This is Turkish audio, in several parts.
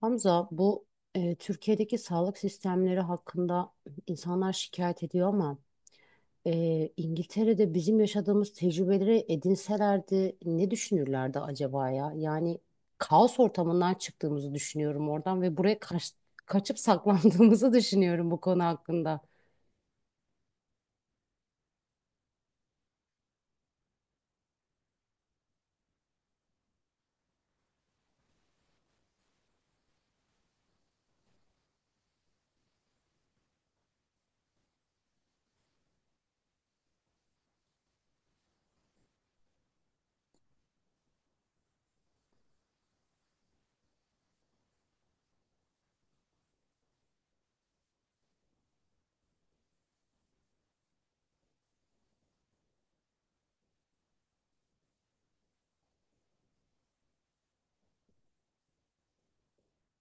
Hamza, bu Türkiye'deki sağlık sistemleri hakkında insanlar şikayet ediyor ama İngiltere'de bizim yaşadığımız tecrübeleri edinselerdi ne düşünürlerdi acaba ya? Yani kaos ortamından çıktığımızı düşünüyorum oradan ve buraya kaçıp saklandığımızı düşünüyorum bu konu hakkında.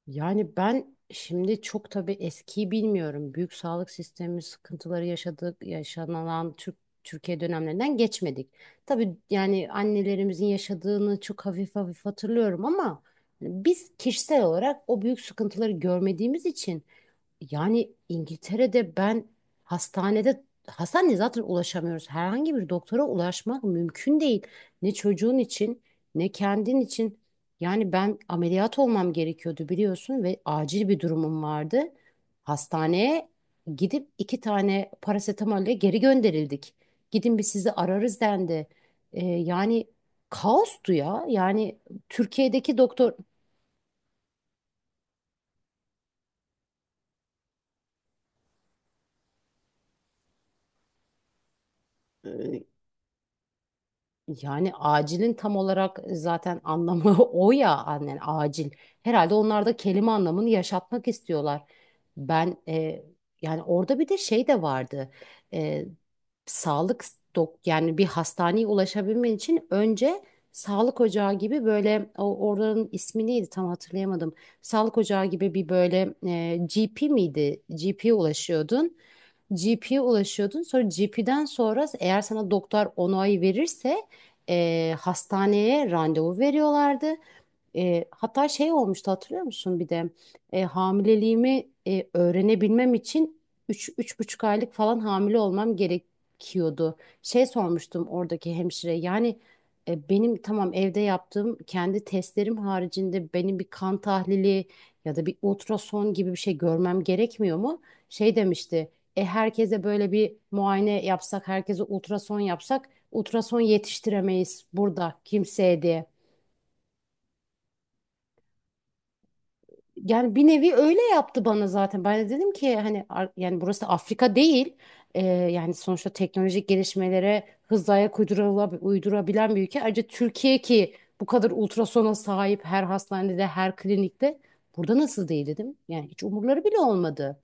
Yani ben şimdi çok tabii eskiyi bilmiyorum. Büyük sağlık sistemi sıkıntıları yaşadık, yaşanan Türkiye dönemlerinden geçmedik. Tabii yani annelerimizin yaşadığını çok hafif hafif hatırlıyorum ama hani biz kişisel olarak o büyük sıkıntıları görmediğimiz için yani İngiltere'de ben hastaneye zaten ulaşamıyoruz. Herhangi bir doktora ulaşmak mümkün değil. Ne çocuğun için ne kendin için. Yani ben ameliyat olmam gerekiyordu biliyorsun ve acil bir durumum vardı. Hastaneye gidip iki tane parasetamolle geri gönderildik. Gidin bir sizi ararız dendi. Yani kaostu ya. Yani Türkiye'deki doktor. Yani acilin tam olarak zaten anlamı o ya annen acil. Herhalde onlar da kelime anlamını yaşatmak istiyorlar. Ben yani orada bir de şey de vardı. E, Sağlık dok yani bir hastaneye ulaşabilmen için önce sağlık ocağı gibi böyle o oranın ismi neydi tam hatırlayamadım. Sağlık ocağı gibi bir böyle GP miydi? GP'ye ulaşıyordun. Sonra GP'den sonra eğer sana doktor onayı verirse hastaneye randevu veriyorlardı. Hatta şey olmuştu hatırlıyor musun bir de. Hamileliğimi öğrenebilmem için üç, buçuk aylık falan hamile olmam gerekiyordu. Şey sormuştum oradaki hemşire yani benim tamam evde yaptığım kendi testlerim haricinde benim bir kan tahlili ya da bir ultrason gibi bir şey görmem gerekmiyor mu? Şey demişti herkese böyle bir muayene yapsak herkese ultrason yapsak ultrason yetiştiremeyiz burada kimseye diye. Yani bir nevi öyle yaptı bana zaten. Ben de dedim ki hani yani burası Afrika değil. Yani sonuçta teknolojik gelişmelere hızla ayak uydurabilen bir ülke. Ayrıca Türkiye ki bu kadar ultrasona sahip her hastanede, her klinikte. Burada nasıl değil dedim. Yani hiç umurları bile olmadı.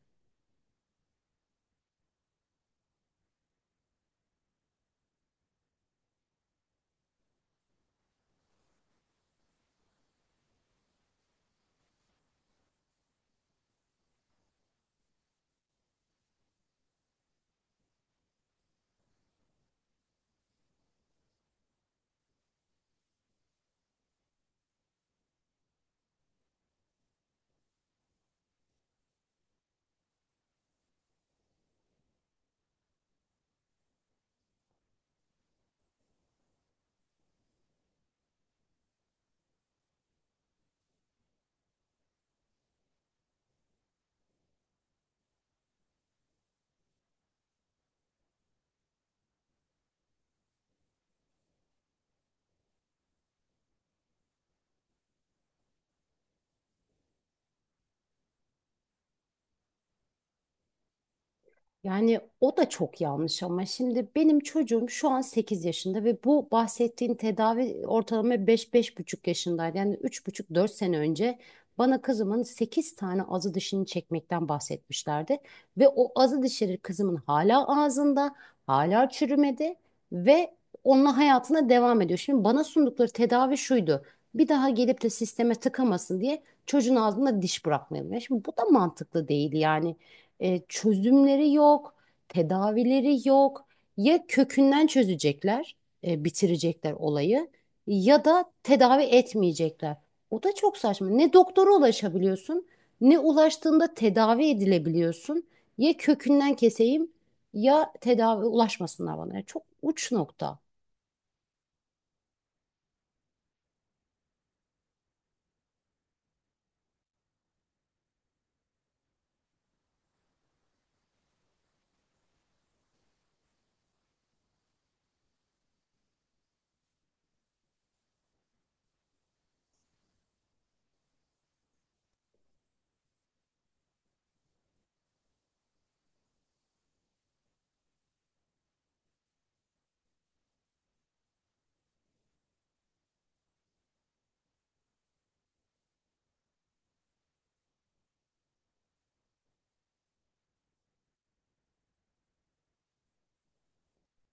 Yani o da çok yanlış ama şimdi benim çocuğum şu an 8 yaşında ve bu bahsettiğin tedavi ortalama beş beş buçuk yaşındaydı. Yani üç buçuk dört sene önce bana kızımın 8 tane azı dişini çekmekten bahsetmişlerdi. Ve o azı dişleri kızımın hala ağzında, hala çürümedi ve onunla hayatına devam ediyor. Şimdi bana sundukları tedavi şuydu. Bir daha gelip de sisteme tıkamasın diye çocuğun ağzına diş bırakmayalım. Ya şimdi bu da mantıklı değil yani. Çözümleri yok, tedavileri yok. Ya kökünden çözecekler, bitirecekler olayı ya da tedavi etmeyecekler. O da çok saçma. Ne doktora ulaşabiliyorsun, ne ulaştığında tedavi edilebiliyorsun. Ya kökünden keseyim ya tedavi ulaşmasınlar bana. Yani çok uç nokta.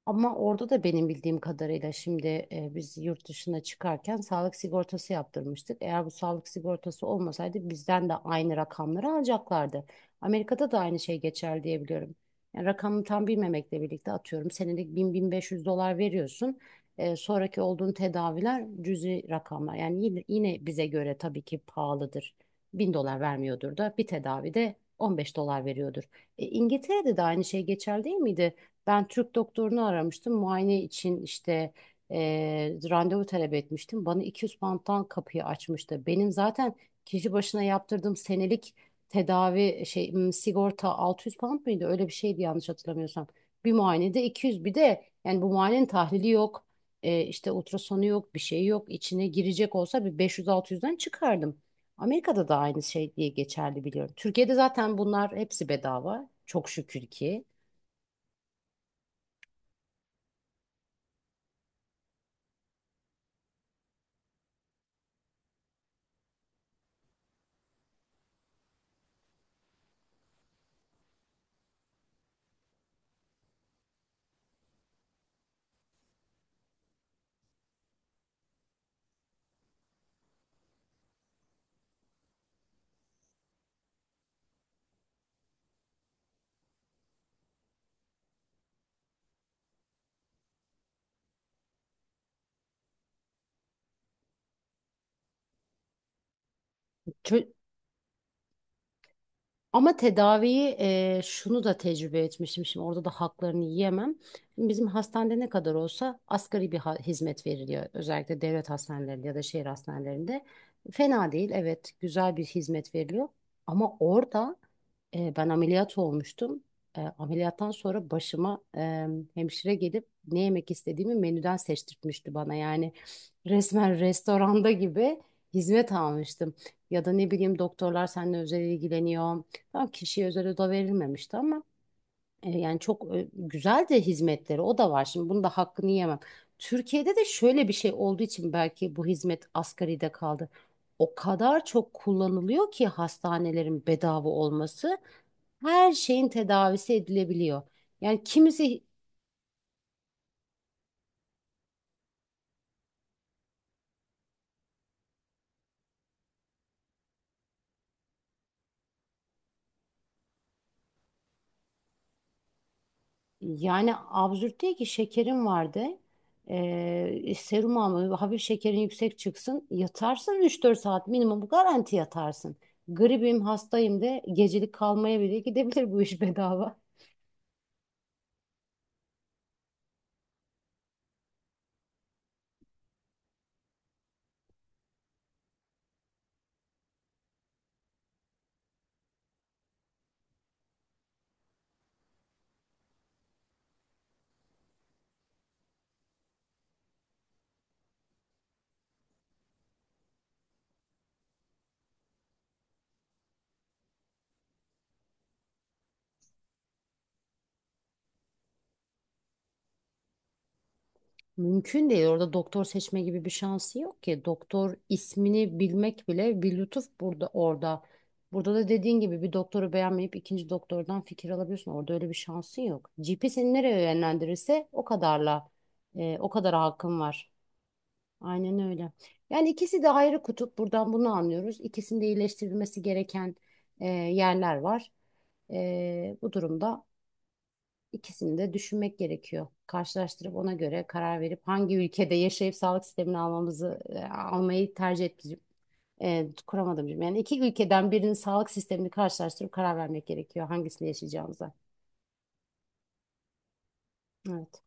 Ama orada da benim bildiğim kadarıyla şimdi biz yurt dışına çıkarken sağlık sigortası yaptırmıştık. Eğer bu sağlık sigortası olmasaydı bizden de aynı rakamları alacaklardı. Amerika'da da aynı şey geçer diye biliyorum. Yani rakamı tam bilmemekle birlikte atıyorum senelik 1.000-1.500 dolar veriyorsun. Sonraki olduğun tedaviler cüzi rakamlar. Yani yine bize göre tabii ki pahalıdır. 1.000 dolar vermiyordur da bir tedavide 15 dolar veriyordur. İngiltere'de de aynı şey geçer değil miydi? Ben Türk doktorunu aramıştım. Muayene için işte randevu talep etmiştim. Bana 200 pound'dan kapıyı açmıştı. Benim zaten kişi başına yaptırdığım senelik tedavi sigorta 600 pound mıydı? Öyle bir şeydi yanlış hatırlamıyorsam. Bir muayenede 200 bir de yani bu muayenenin tahlili yok. İşte ultrasonu yok, bir şey yok. İçine girecek olsa bir 500-600'den çıkardım. Amerika'da da aynı şey diye geçerli biliyorum. Türkiye'de zaten bunlar hepsi bedava. Çok şükür ki. Çö- Ama tedaviyi şunu da tecrübe etmişim. Şimdi orada da haklarını yiyemem. Şimdi bizim hastanede ne kadar olsa asgari bir hizmet veriliyor. Özellikle devlet hastanelerinde ya da şehir hastanelerinde. Fena değil, evet, güzel bir hizmet veriliyor. Ama orada ben ameliyat olmuştum. Ameliyattan sonra başıma hemşire gelip ne yemek istediğimi menüden seçtirtmişti bana. Yani resmen restoranda gibi hizmet almıştım. Ya da ne bileyim doktorlar seninle özel ilgileniyor. Tam kişiye özel oda verilmemişti ama yani çok güzel de hizmetleri o da var. Şimdi bunun da hakkını yemem. Türkiye'de de şöyle bir şey olduğu için belki bu hizmet asgaride kaldı. O kadar çok kullanılıyor ki hastanelerin bedava olması her şeyin tedavisi edilebiliyor. Yani kimisi yani absürt değil ki şekerin vardı. Serum alma, hafif şekerin yüksek çıksın. Yatarsın üç dört saat minimum garanti yatarsın. Gribim, hastayım de gecelik kalmaya bile gidebilir bu iş bedava. Mümkün değil. Orada doktor seçme gibi bir şansı yok ki. Doktor ismini bilmek bile bir lütuf burada orada. Burada da dediğin gibi bir doktoru beğenmeyip ikinci doktordan fikir alabiliyorsun. Orada öyle bir şansın yok. GP seni nereye yönlendirirse o kadarla o kadar hakkın var. Aynen öyle. Yani ikisi de ayrı kutup. Buradan bunu anlıyoruz. İkisinde iyileştirilmesi gereken yerler var. Bu durumda İkisini de düşünmek gerekiyor. Karşılaştırıp ona göre karar verip hangi ülkede yaşayıp sağlık sistemini almamızı almayı tercih etmeyeceğim. Kuramadım cümle. Yani iki ülkeden birinin sağlık sistemini karşılaştırıp karar vermek gerekiyor hangisini yaşayacağımıza. Evet.